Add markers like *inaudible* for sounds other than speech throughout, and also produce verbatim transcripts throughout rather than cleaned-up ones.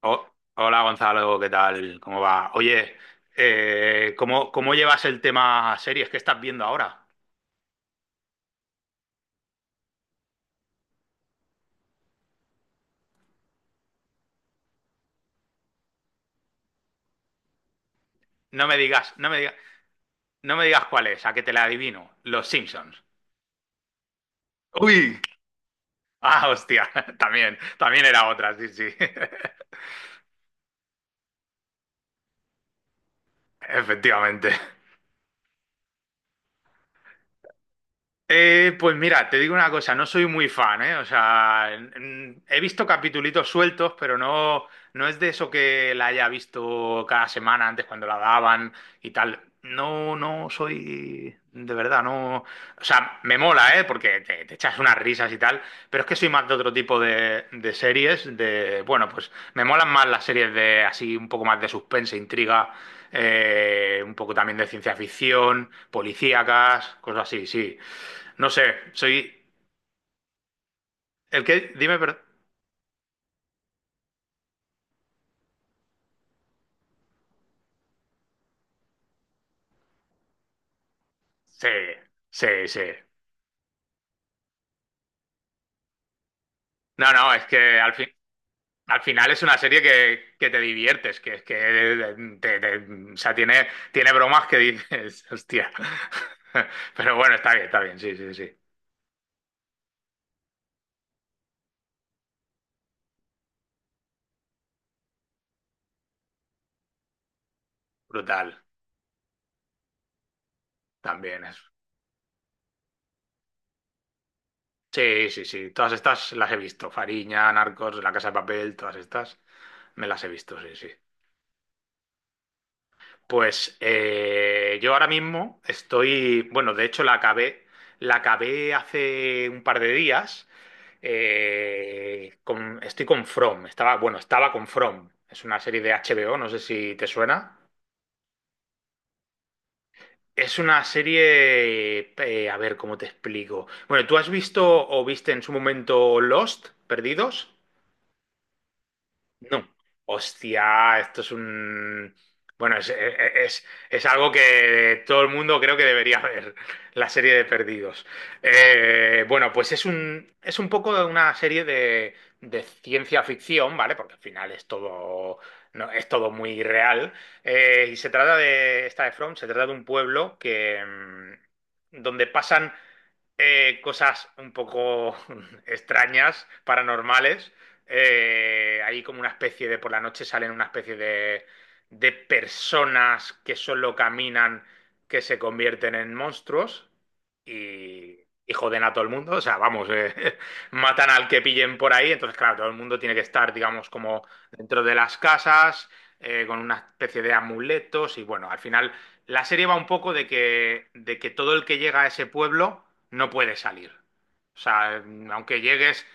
Oh, hola Gonzalo, ¿qué tal? ¿Cómo va? Oye, eh, ¿cómo, cómo llevas el tema series que estás viendo ahora? No me digas, no me digas, no me digas cuál es, a que te la adivino. Los Simpsons. ¡Uy! Ah, hostia, *laughs* también, también era otra, sí, sí. *laughs* Efectivamente. Eh, pues mira, te digo una cosa, no soy muy fan, ¿eh? O sea, mm, he visto capitulitos sueltos, pero no, no es de eso que la haya visto cada semana antes cuando la daban y tal. No, no soy, de verdad, no. O sea, me mola, ¿eh? Porque te, te echas unas risas y tal, pero es que soy más de otro tipo de, de series, de, bueno, pues me molan más las series de así, un poco más de suspense, intriga, eh, un poco también de ciencia ficción, policíacas, cosas así, sí. No sé, soy el que. Dime, pero. Sí, sí, sí. No, no, es que al fin, al final es una serie que, que te diviertes, que es que. Eh, te- te- o sea, tiene, tiene bromas que dices, *laughs* hostia. Pero bueno, está bien, está bien, sí, sí, sí. Brutal, también es. Sí, sí, sí. Todas estas las he visto. Fariña, Narcos, La Casa de Papel, todas estas me las he visto, sí, sí. Pues eh, yo ahora mismo estoy, bueno, de hecho la acabé, la acabé hace un par de días. Eh, con- estoy con From. Estaba, bueno, estaba con From. Es una serie de H B O, no sé si te suena. Es una serie, eh, a ver cómo te explico. Bueno, ¿tú has visto o viste en su momento Lost, Perdidos? No. Hostia, esto es un. Bueno, es, e, e, es- es algo que todo el mundo creo que debería *laughs* ver, la serie de Perdidos. Eh, bueno, pues es un, es un poco una serie de, de ciencia ficción, ¿vale? Porque al final es todo, no, es todo muy real. Eh, y se trata de, esta de From, se trata de un pueblo que, mm, donde pasan eh, cosas un poco *laughs* extrañas, paranormales. Eh, hay como una especie de, por la noche salen una especie de, de personas que solo caminan, que se convierten en monstruos y, y joden a todo el mundo. O sea, vamos, eh, *laughs* matan al que pillen por ahí. Entonces, claro, todo el mundo tiene que estar, digamos, como dentro de las casas, eh, con una especie de amuletos. Y bueno, al final la serie va un poco de que, de que todo el que llega a ese pueblo no puede salir. O sea, eh, aunque llegues,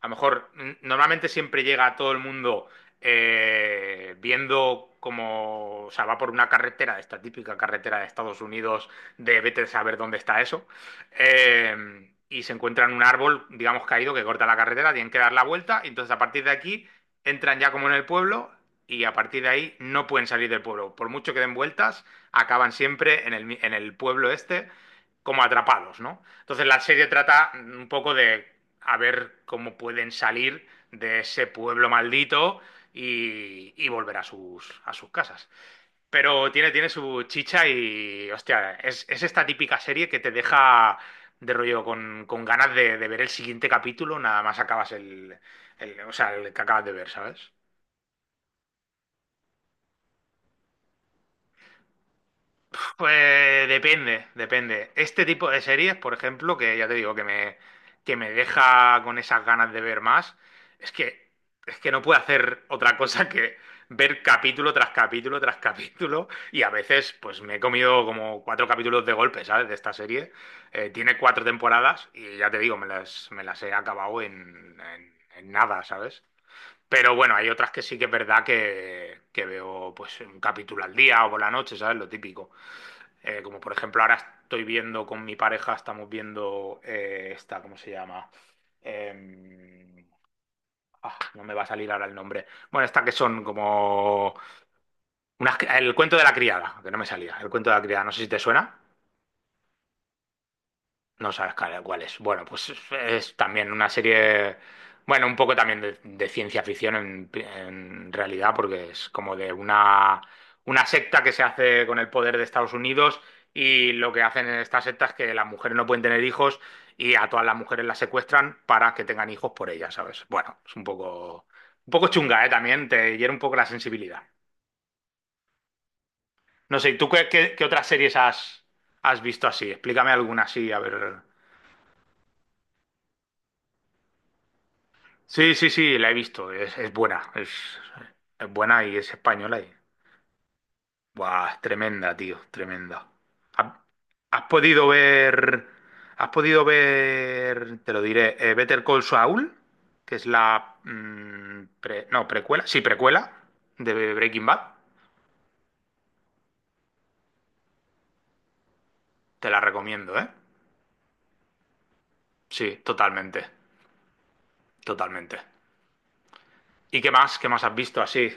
a lo mejor, n- normalmente siempre llega todo el mundo eh, viendo como, o sea, va por una carretera, de esta típica carretera de Estados Unidos, de vete a saber dónde está eso, eh, y se encuentran un árbol, digamos, caído que corta la carretera, tienen que dar la vuelta, y entonces a partir de aquí entran ya como en el pueblo, y a partir de ahí no pueden salir del pueblo. Por mucho que den vueltas, acaban siempre en el, en el pueblo este como atrapados, ¿no? Entonces la serie trata un poco de a ver cómo pueden salir de ese pueblo maldito y, y volver a sus, a sus casas. Pero tiene, tiene su chicha y, hostia, es, es esta típica serie que te deja de rollo con, con ganas de, de ver el siguiente capítulo, nada más acabas el, el- o sea, el que acabas de ver, ¿sabes? Pues depende, depende. Este tipo de series, por ejemplo, que ya te digo que me, que me deja con esas ganas de ver más, es que, es que no puedo hacer otra cosa que ver capítulo tras capítulo tras capítulo y a veces pues me he comido como cuatro capítulos de golpe, ¿sabes? De esta serie. Eh, tiene cuatro temporadas y ya te digo, me las, me las he acabado en, en- en nada, ¿sabes? Pero bueno, hay otras que sí que es verdad que, que veo pues un capítulo al día o por la noche, ¿sabes? Lo típico. Eh, como por ejemplo, ahora estoy viendo con mi pareja, estamos viendo eh, esta, ¿cómo se llama? Em, ah, no me va a salir ahora el nombre. Bueno, esta que son como unas- el cuento de la criada, que no me salía, el cuento de la criada, no sé si te suena. No sabes cuál cuál es. Bueno, pues es, también una serie, bueno, un poco también de, de ciencia ficción en, en realidad, porque es como de una, una secta que se hace con el poder de Estados Unidos y lo que hacen en esta secta es que las mujeres no pueden tener hijos y a todas las mujeres las secuestran para que tengan hijos por ellas, ¿sabes? Bueno, es un poco, un poco chunga, ¿eh? También te hiere un poco la sensibilidad. No sé, ¿y tú qué, qué- qué otras series has, has visto así? Explícame alguna así, a ver. Sí, sí, sí, la he visto. Es, es buena. Es, es buena y es española. Y. Buah, es tremenda, tío. Tremenda. ¿Has, has podido ver? Has podido ver? Te lo diré. eh, Better Call Saul, que es la. Mm, pre- no, precuela. Sí, precuela de Breaking Bad. Te la recomiendo, ¿eh? Sí, totalmente. Totalmente. ¿Y qué más? ¿Qué más has visto así?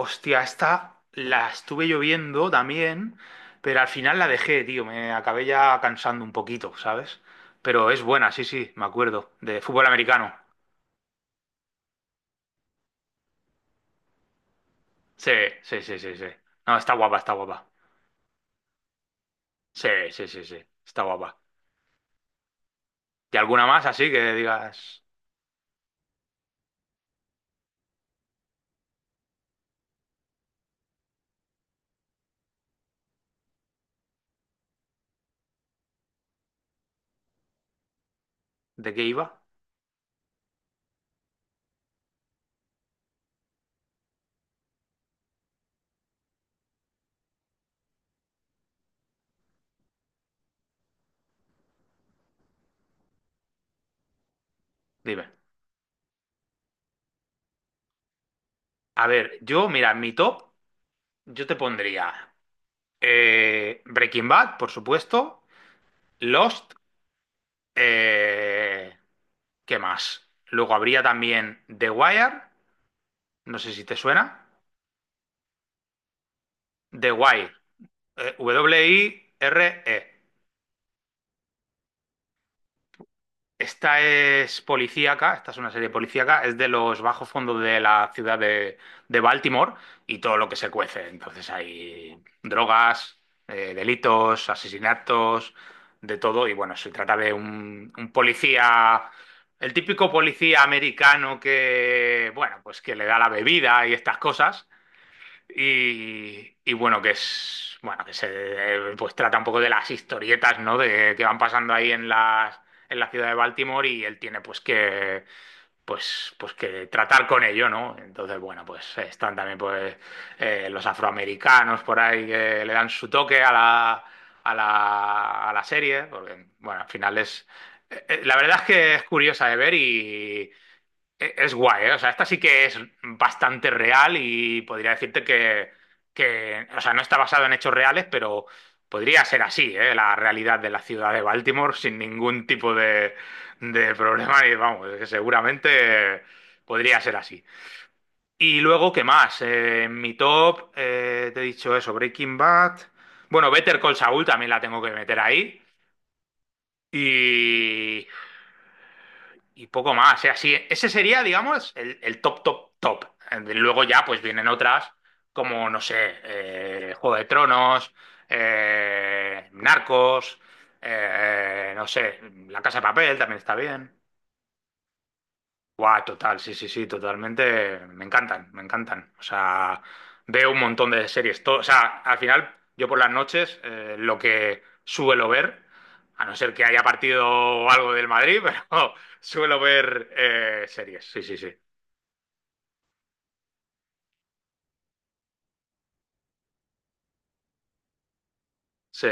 Hostia, esta la estuve lloviendo también, pero al final la dejé, tío. Me acabé ya cansando un poquito, ¿sabes? Pero es buena, sí, sí, me acuerdo. De fútbol americano. Sí, sí, sí, sí, sí. No, está guapa, está guapa. Sí, sí, sí, sí, está guapa. ¿Y alguna más así que digas de qué iba? Dime. A ver, yo, mira, en mi top, yo te pondría eh, Breaking Bad, por supuesto, Lost. Eh, ¿Qué más? Luego habría también The Wire, no sé si te suena. The Wire, eh, W I R E. Esta es policíaca, esta es una serie policíaca, es de los bajos fondos de la ciudad de, de Baltimore y todo lo que se cuece. Entonces hay drogas, eh, delitos, asesinatos, de todo. Y bueno, se trata de un, un policía, el típico policía americano que, bueno, pues que le da la bebida y estas cosas. Y, y bueno, que es, bueno, que se eh, pues trata un poco de las historietas, ¿no? De que van pasando ahí en las, en la ciudad de Baltimore y él tiene pues que pues, pues que tratar con ello, ¿no? Entonces, bueno, pues están también pues eh, los afroamericanos por ahí que le dan su toque a la, a la, a la serie, porque bueno, al final es eh, eh, la verdad es que es curiosa de ver y e- es guay, ¿eh? O sea, esta sí que es bastante real y podría decirte que, que, o sea, no está basado en hechos reales, pero podría ser así, ¿eh? La realidad de la ciudad de Baltimore sin ningún tipo de, de problema y vamos, es que seguramente podría ser así. Y luego, ¿qué más? Eh, en mi top, eh, te he dicho eso, Breaking Bad. Bueno, Better Call Saul también la tengo que meter ahí. Y y poco más. O sea, sí, ese sería, digamos, el, el top, top, top. Eh, Luego ya pues vienen otras como, no sé, eh, Juego de Tronos, eh, Narcos, eh, eh, no sé, La Casa de Papel también está bien. Guau, total, sí, sí, sí, totalmente. Me encantan, me encantan. O sea, veo un montón de series. Todo, o sea, al final, yo por las noches, eh, lo que suelo ver, a no ser que haya partido o algo del Madrid, *laughs* pero suelo ver eh, series. Sí, sí, sí. Sí.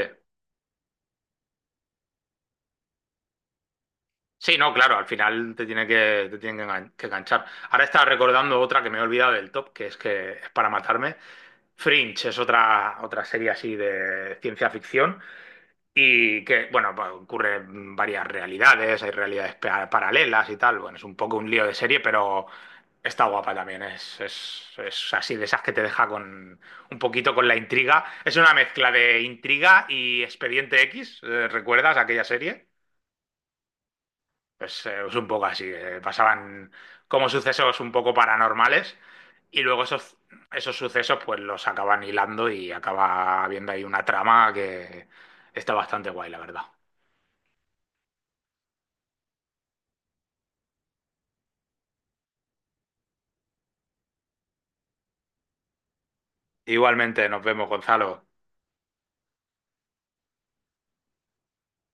Sí, no, claro, al final te tiene que, te tienen que engan- que enganchar. Ahora estaba recordando otra que me he olvidado del top, que es que es para matarme. Fringe es otra, otra serie así de ciencia ficción. Y que, bueno, pues, ocurren varias realidades, hay realidades pa- paralelas y tal. Bueno, es un poco un lío de serie, pero está guapa también. Es, es, es así de esas que te deja con un poquito con la intriga. Es una mezcla de intriga y Expediente X. eh, ¿Recuerdas aquella serie? Pues eh, es un poco así. Eh, pasaban como sucesos un poco paranormales y luego esos, esos sucesos pues los acaban hilando y acaba habiendo ahí una trama que está bastante guay, la verdad. Igualmente, nos vemos, Gonzalo.